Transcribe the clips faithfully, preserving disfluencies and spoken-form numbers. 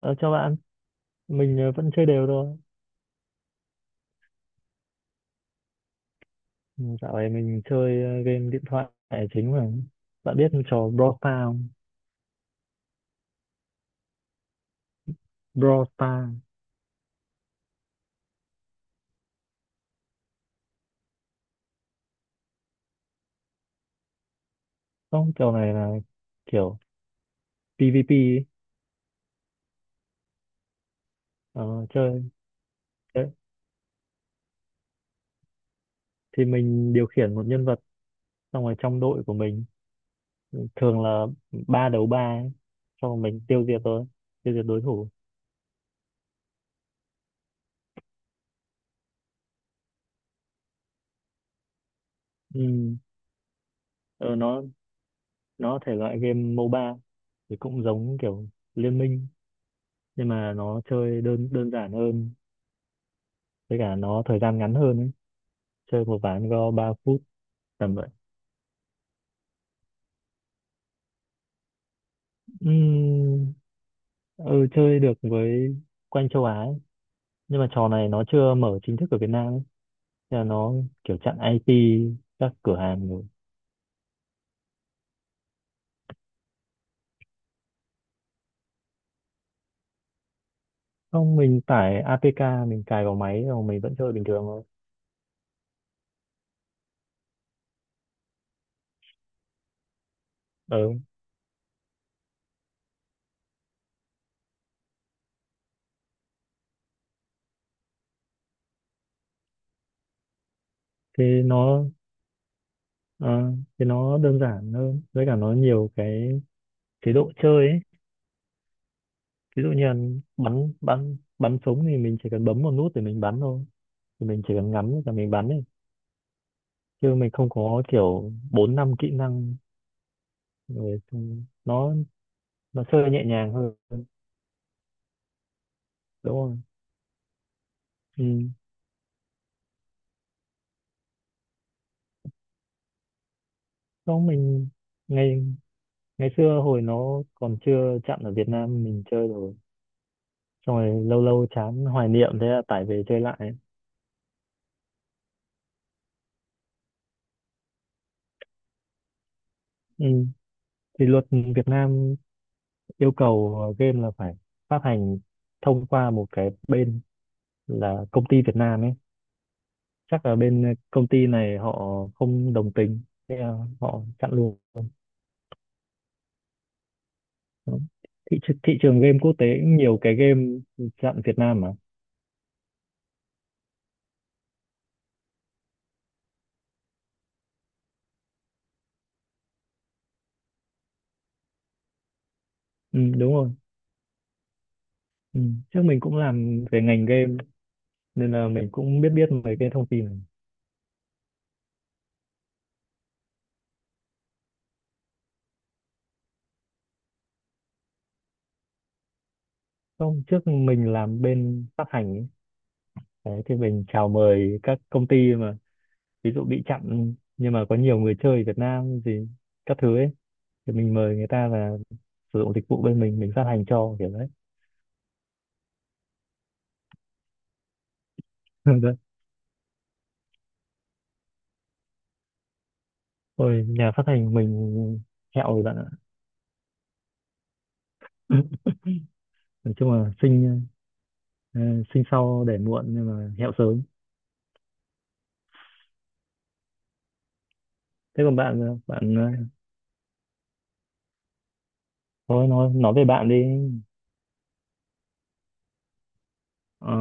Ờ, chào bạn, mình ờ, vẫn chơi đều thôi. Ừ, dạo này mình chơi ờ, game điện thoại là chính mà. Bạn biết trò Brawl Stars không? Brawl Stars. Không, trò này là kiểu PvP ấy. Ờ, chơi. Đấy. Thì mình điều khiển một nhân vật xong rồi trong đội của mình thường là ba đấu ba ấy. Xong rồi mình tiêu diệt thôi, tiêu diệt đối thủ. Ừ. Ờ, nó nó thể loại game mô ba thì cũng giống kiểu Liên Minh, nhưng mà nó chơi đơn đơn giản hơn, với cả nó thời gian ngắn hơn ấy. Chơi một ván go ba phút tầm vậy. Ừm, ừ, chơi được với quanh châu Á ấy. Nhưng mà trò này nó chưa mở chính thức ở Việt Nam ấy. Thế là nó kiểu chặn ai pi các cửa hàng rồi. Không, mình tải a pê ca mình cài vào máy rồi mình vẫn chơi bình thường thôi. Ừ. thế nó ờ, Thế nó đơn giản hơn với cả nó nhiều cái chế độ chơi ấy. Ví dụ như là bắn bắn bắn súng thì mình chỉ cần bấm một nút để mình bắn thôi. Thì mình chỉ cần ngắm và mình bắn ấy, chứ mình không có kiểu bốn năm kỹ năng rồi xong nó nó chơi nhẹ nhàng hơn, đúng không? Ừ. Đó, mình ngày ngày xưa hồi nó còn chưa chạm ở Việt Nam mình chơi rồi. Xong rồi lâu lâu chán hoài niệm, thế là tải về chơi lại. Ừ. Thì luật Việt Nam yêu cầu game là phải phát hành thông qua một cái bên là công ty Việt Nam ấy. Chắc là bên công ty này họ không đồng tình, thế là họ chặn luôn. Đó. Thị, tr- thị trường game quốc tế cũng nhiều cái game dạng Việt Nam mà. Ừ, đúng rồi. Ừ. Trước mình cũng làm về ngành game nên là mình cũng biết biết mấy cái thông tin này. Không, trước mình làm bên phát hành ấy. Đấy, thì mình chào mời các công ty mà ví dụ bị chặn nhưng mà có nhiều người chơi Việt Nam gì các thứ ấy, thì mình mời người ta là sử dụng dịch vụ bên mình mình phát hành cho kiểu đấy. Ôi, nhà phát hành mình hẹo rồi bạn ạ. Nói chung là xinh Ờ, sinh sau để muộn nhưng mà hẹo sớm. Thế còn bạn sao? Bạn ờ, thôi, nói nói về bạn đi. Ờ,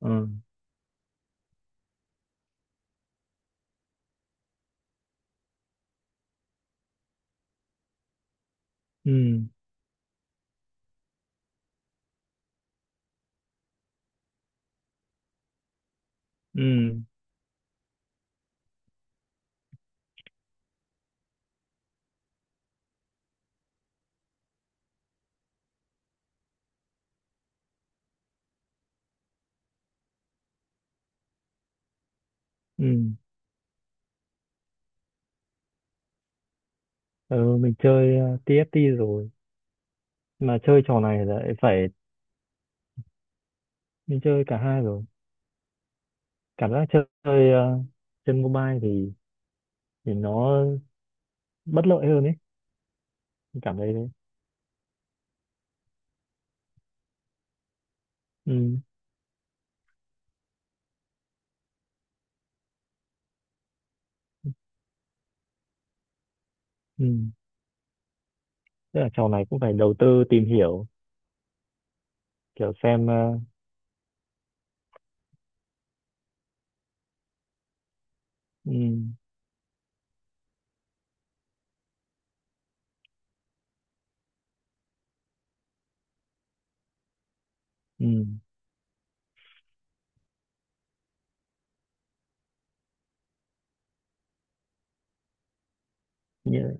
ờ, ừ, ừ, ừ, ừ. Mình chơi ờ, tê ép tê rồi, mà chơi trò này lại phải. Mình chơi cả hai rồi. Cảm giác chơi chơi, ờ, trên mobile thì thì nó bất lợi hơn ấy. Mình cảm thấy thế. Ừ, ừ. Tức là trò này cũng phải đầu tư tìm hiểu. Kiểu xem ờ, ừ, ừ. nhiều,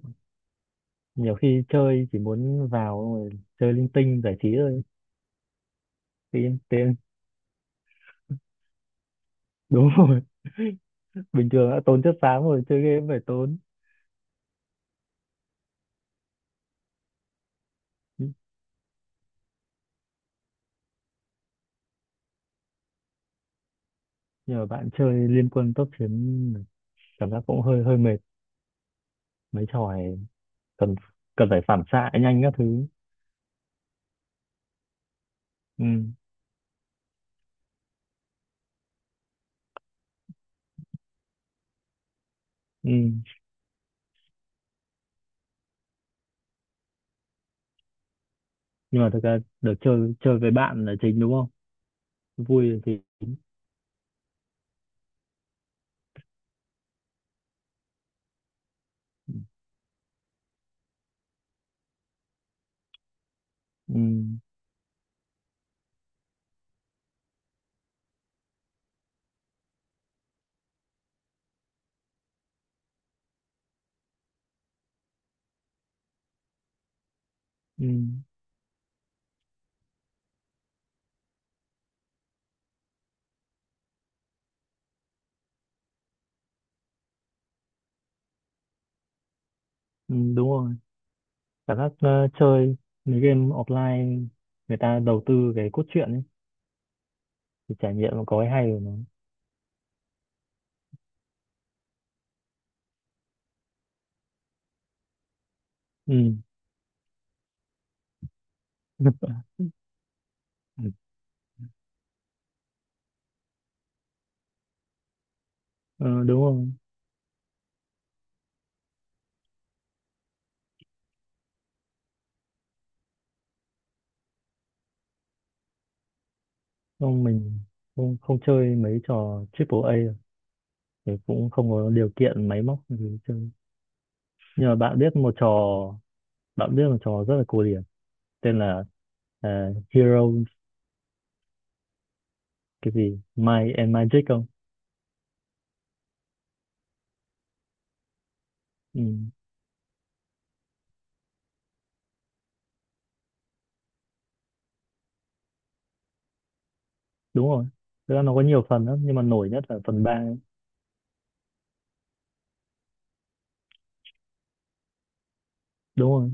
nhiều khi chơi chỉ muốn vào rồi chơi linh tinh giải trí thôi. Phim tên. Đúng rồi. Bình thường đã tốn chất xám rồi, chơi game phải tốn. Nhờ bạn chơi Liên Quân Tốc Chiến, cảm giác cũng hơi hơi mệt. Mấy trò này cần cần phải phản xạ nhanh các thứ. Ừ, ừ. Nhưng mà thực ra được chơi chơi với bạn là chính, đúng không? Vui thì. Ừ, ừ, ừ, đúng rồi. Cảm giác ờ, chơi mấy game offline, người ta đầu tư cái cốt truyện ấy, thì trải nghiệm nó có cái hay của nó. Ừ. Ừ, đúng rồi. Không, mình không không chơi mấy trò triple A đâu. Thì cũng không có điều kiện máy móc gì để chơi. Nhưng mà bạn biết một trò bạn biết một trò rất là cổ điển, tên là à, Heroes cái gì Might and Magic không? Ừ, đúng rồi. Thực ra nó có nhiều phần lắm, nhưng mà nổi nhất là phần ba. Đúng rồi,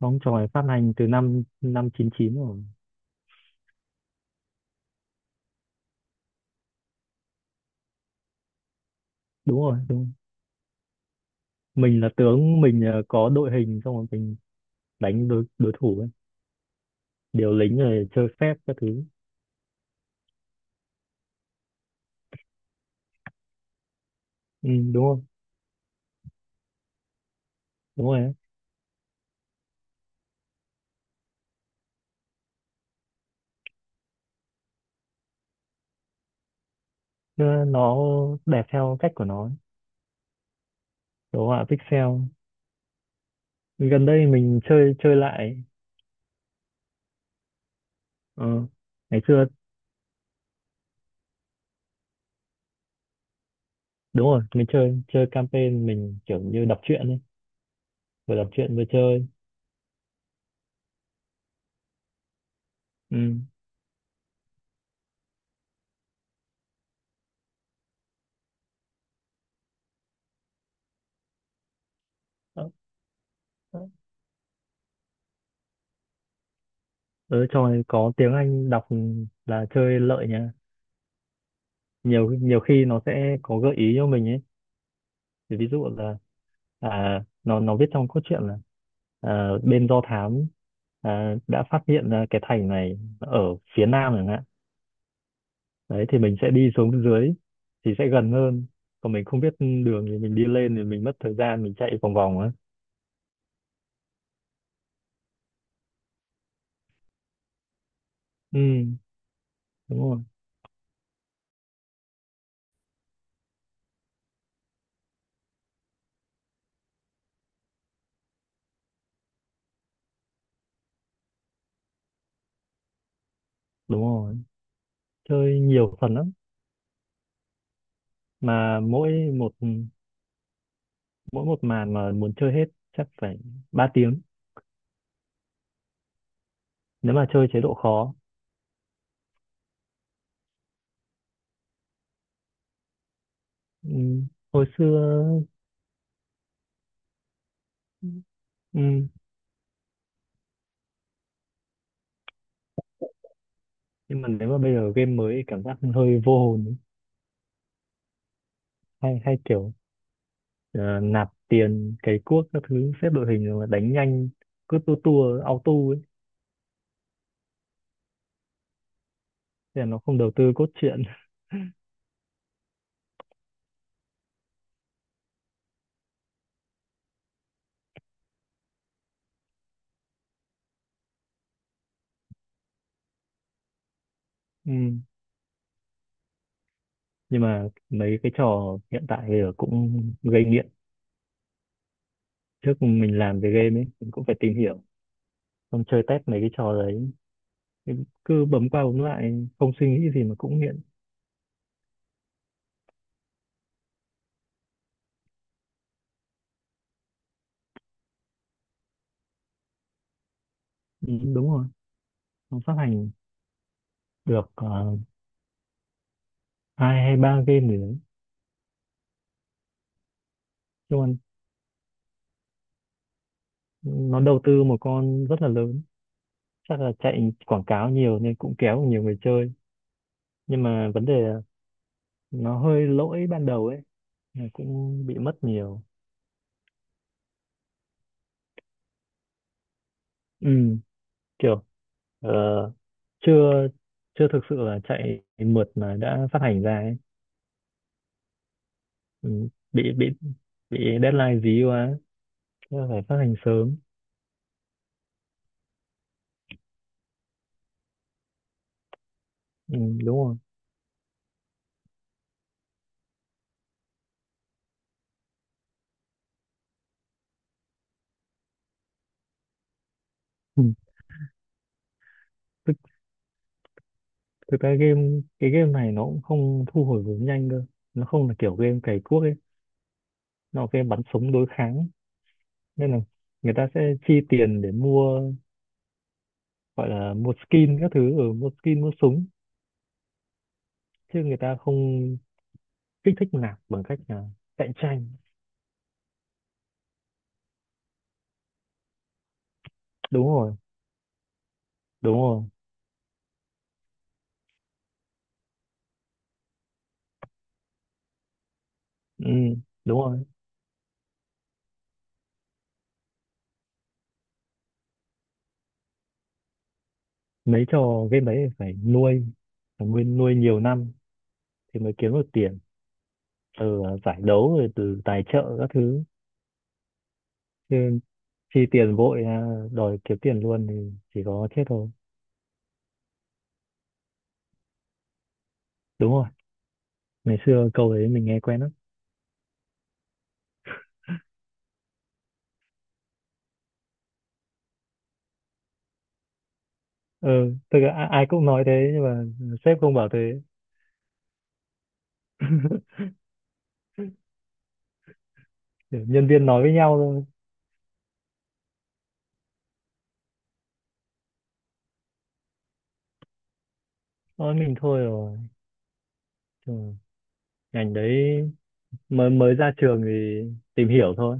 bóng trò này phát hành từ năm năm chín chín rồi. Đúng rồi, đúng rồi. Mình là tướng, mình à, có đội hình xong rồi mình đánh đối đối thủ ấy. Điều lính rồi chơi phép các thứ. Ừ, đúng rồi, đúng rồi. Chứ nó đẹp theo cách của nó. Đồ họa pixel. Gần đây mình chơi chơi lại. ờ, Ngày xưa, đúng rồi, mình chơi chơi campaign, mình kiểu như đọc truyện ấy. Vừa đọc truyện vừa chơi. Ừ. Ờ, ờ, trò này có tiếng Anh đọc là chơi lợi nha. Nhiều nhiều khi nó sẽ có gợi ý cho mình ấy. Thì ví dụ là, à, nó nó viết trong cốt truyện là, à, bên do thám à, đã phát hiện ra cái thành này ở phía nam chẳng hạn. Đấy thì mình sẽ đi xuống dưới thì sẽ gần hơn, còn mình không biết đường thì mình đi lên thì mình mất thời gian mình chạy vòng vòng á. Ừ, đúng rồi, đúng rồi. Chơi nhiều phần lắm. Mà mỗi một mỗi một màn mà muốn chơi hết chắc phải ba tiếng, nếu mà chơi chế độ khó. Ừ. Hồi xưa. Ừ. Nhưng mà nếu mà bây giờ game mới thì cảm giác hơi vô hồn ấy. Hay hay kiểu ờ, nạp tiền cày cuốc các thứ, xếp đội hình rồi mà đánh nhanh, cứ tua tua auto ấy. Thế là nó không đầu tư cốt truyện. Ừ. Nhưng mà mấy cái trò hiện tại thì cũng gây nghiện. Trước mình làm về game ấy, mình cũng phải tìm hiểu. Xong chơi test mấy cái trò đấy. Thì cứ bấm qua bấm lại, không suy nghĩ gì mà cũng nghiện. Ừ, đúng rồi. Nó phát hành được ờ, hai hay ba game gì đấy. Nhưng mà nó đầu tư một con rất là lớn. Chắc là chạy quảng cáo nhiều nên cũng kéo được nhiều người chơi. Nhưng mà vấn đề là nó hơi lỗi ban đầu ấy. Là cũng bị mất nhiều. Ừ, kiểu Ờ, chưa chưa thực sự là chạy mượt mà đã phát hành ra ấy. Ừ, bị bị bị deadline dí quá. Thế là phải phát hành sớm. Ừ, đúng rồi. Ừ. thực, thực ra game cái game này nó cũng không thu hồi vốn nhanh cơ. Nó không là kiểu game cày cuốc ấy, nó là game bắn súng đối kháng. Nên là người ta sẽ chi tiền để mua, gọi là mua skin các thứ ở, mua skin mua súng. Chứ người ta không kích thích nạp bằng cách là cạnh tranh. Đúng rồi, đúng rồi. Ừ. Đúng rồi, mấy trò game đấy phải nuôi, phải nguyên nuôi nhiều năm thì mới kiếm được tiền từ à, giải đấu rồi từ tài trợ các thứ. Chứ chi tiền vội, à, đòi kiếm tiền luôn thì chỉ có chết thôi. Đúng rồi, ngày xưa câu đấy mình nghe quen lắm. Ừ, thực ra a- ai cũng nói thế nhưng mà sếp không bảo thế. Kiểu nhân viên nói với nhau thôi. Nói mình thôi rồi. Chứ mà ngành đấy mới mới ra trường thì tìm hiểu thôi.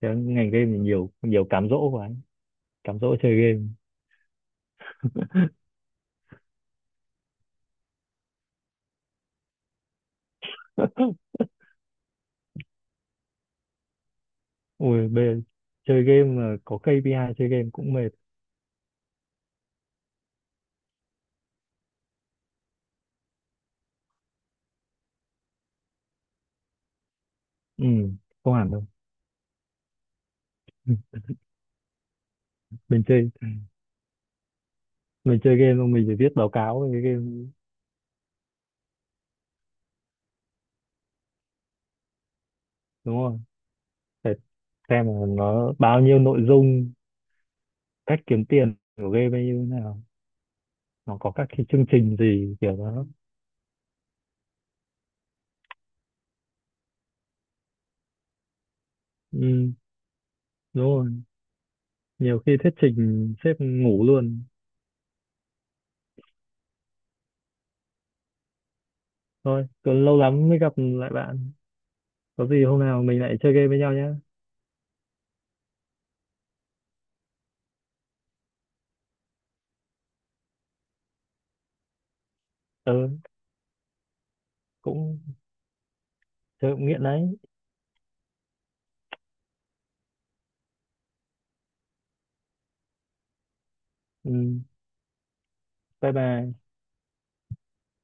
Thế ngành game thì nhiều nhiều cám dỗ quá, cám dỗ chơi game. Ui, bây giờ chơi game mà có kây pi ai, chơi game cũng mệt. Ừ, không hẳn đâu. Mình chơi mình chơi game xong mình phải viết báo cáo về cái game, đúng không? Phải xem là nó bao nhiêu nội dung, cách kiếm tiền của game bao nhiêu thế nào, nó có các cái chương trình gì kiểu đó. Ừ, đúng rồi. Nhiều khi thuyết trình sếp ngủ luôn. Thôi, còn lâu lắm mới gặp lại bạn. Có gì hôm nào mình lại chơi game với nhau nhé. Ừ, cũng chơi cũng nghiện đấy. Ừ, bye bye.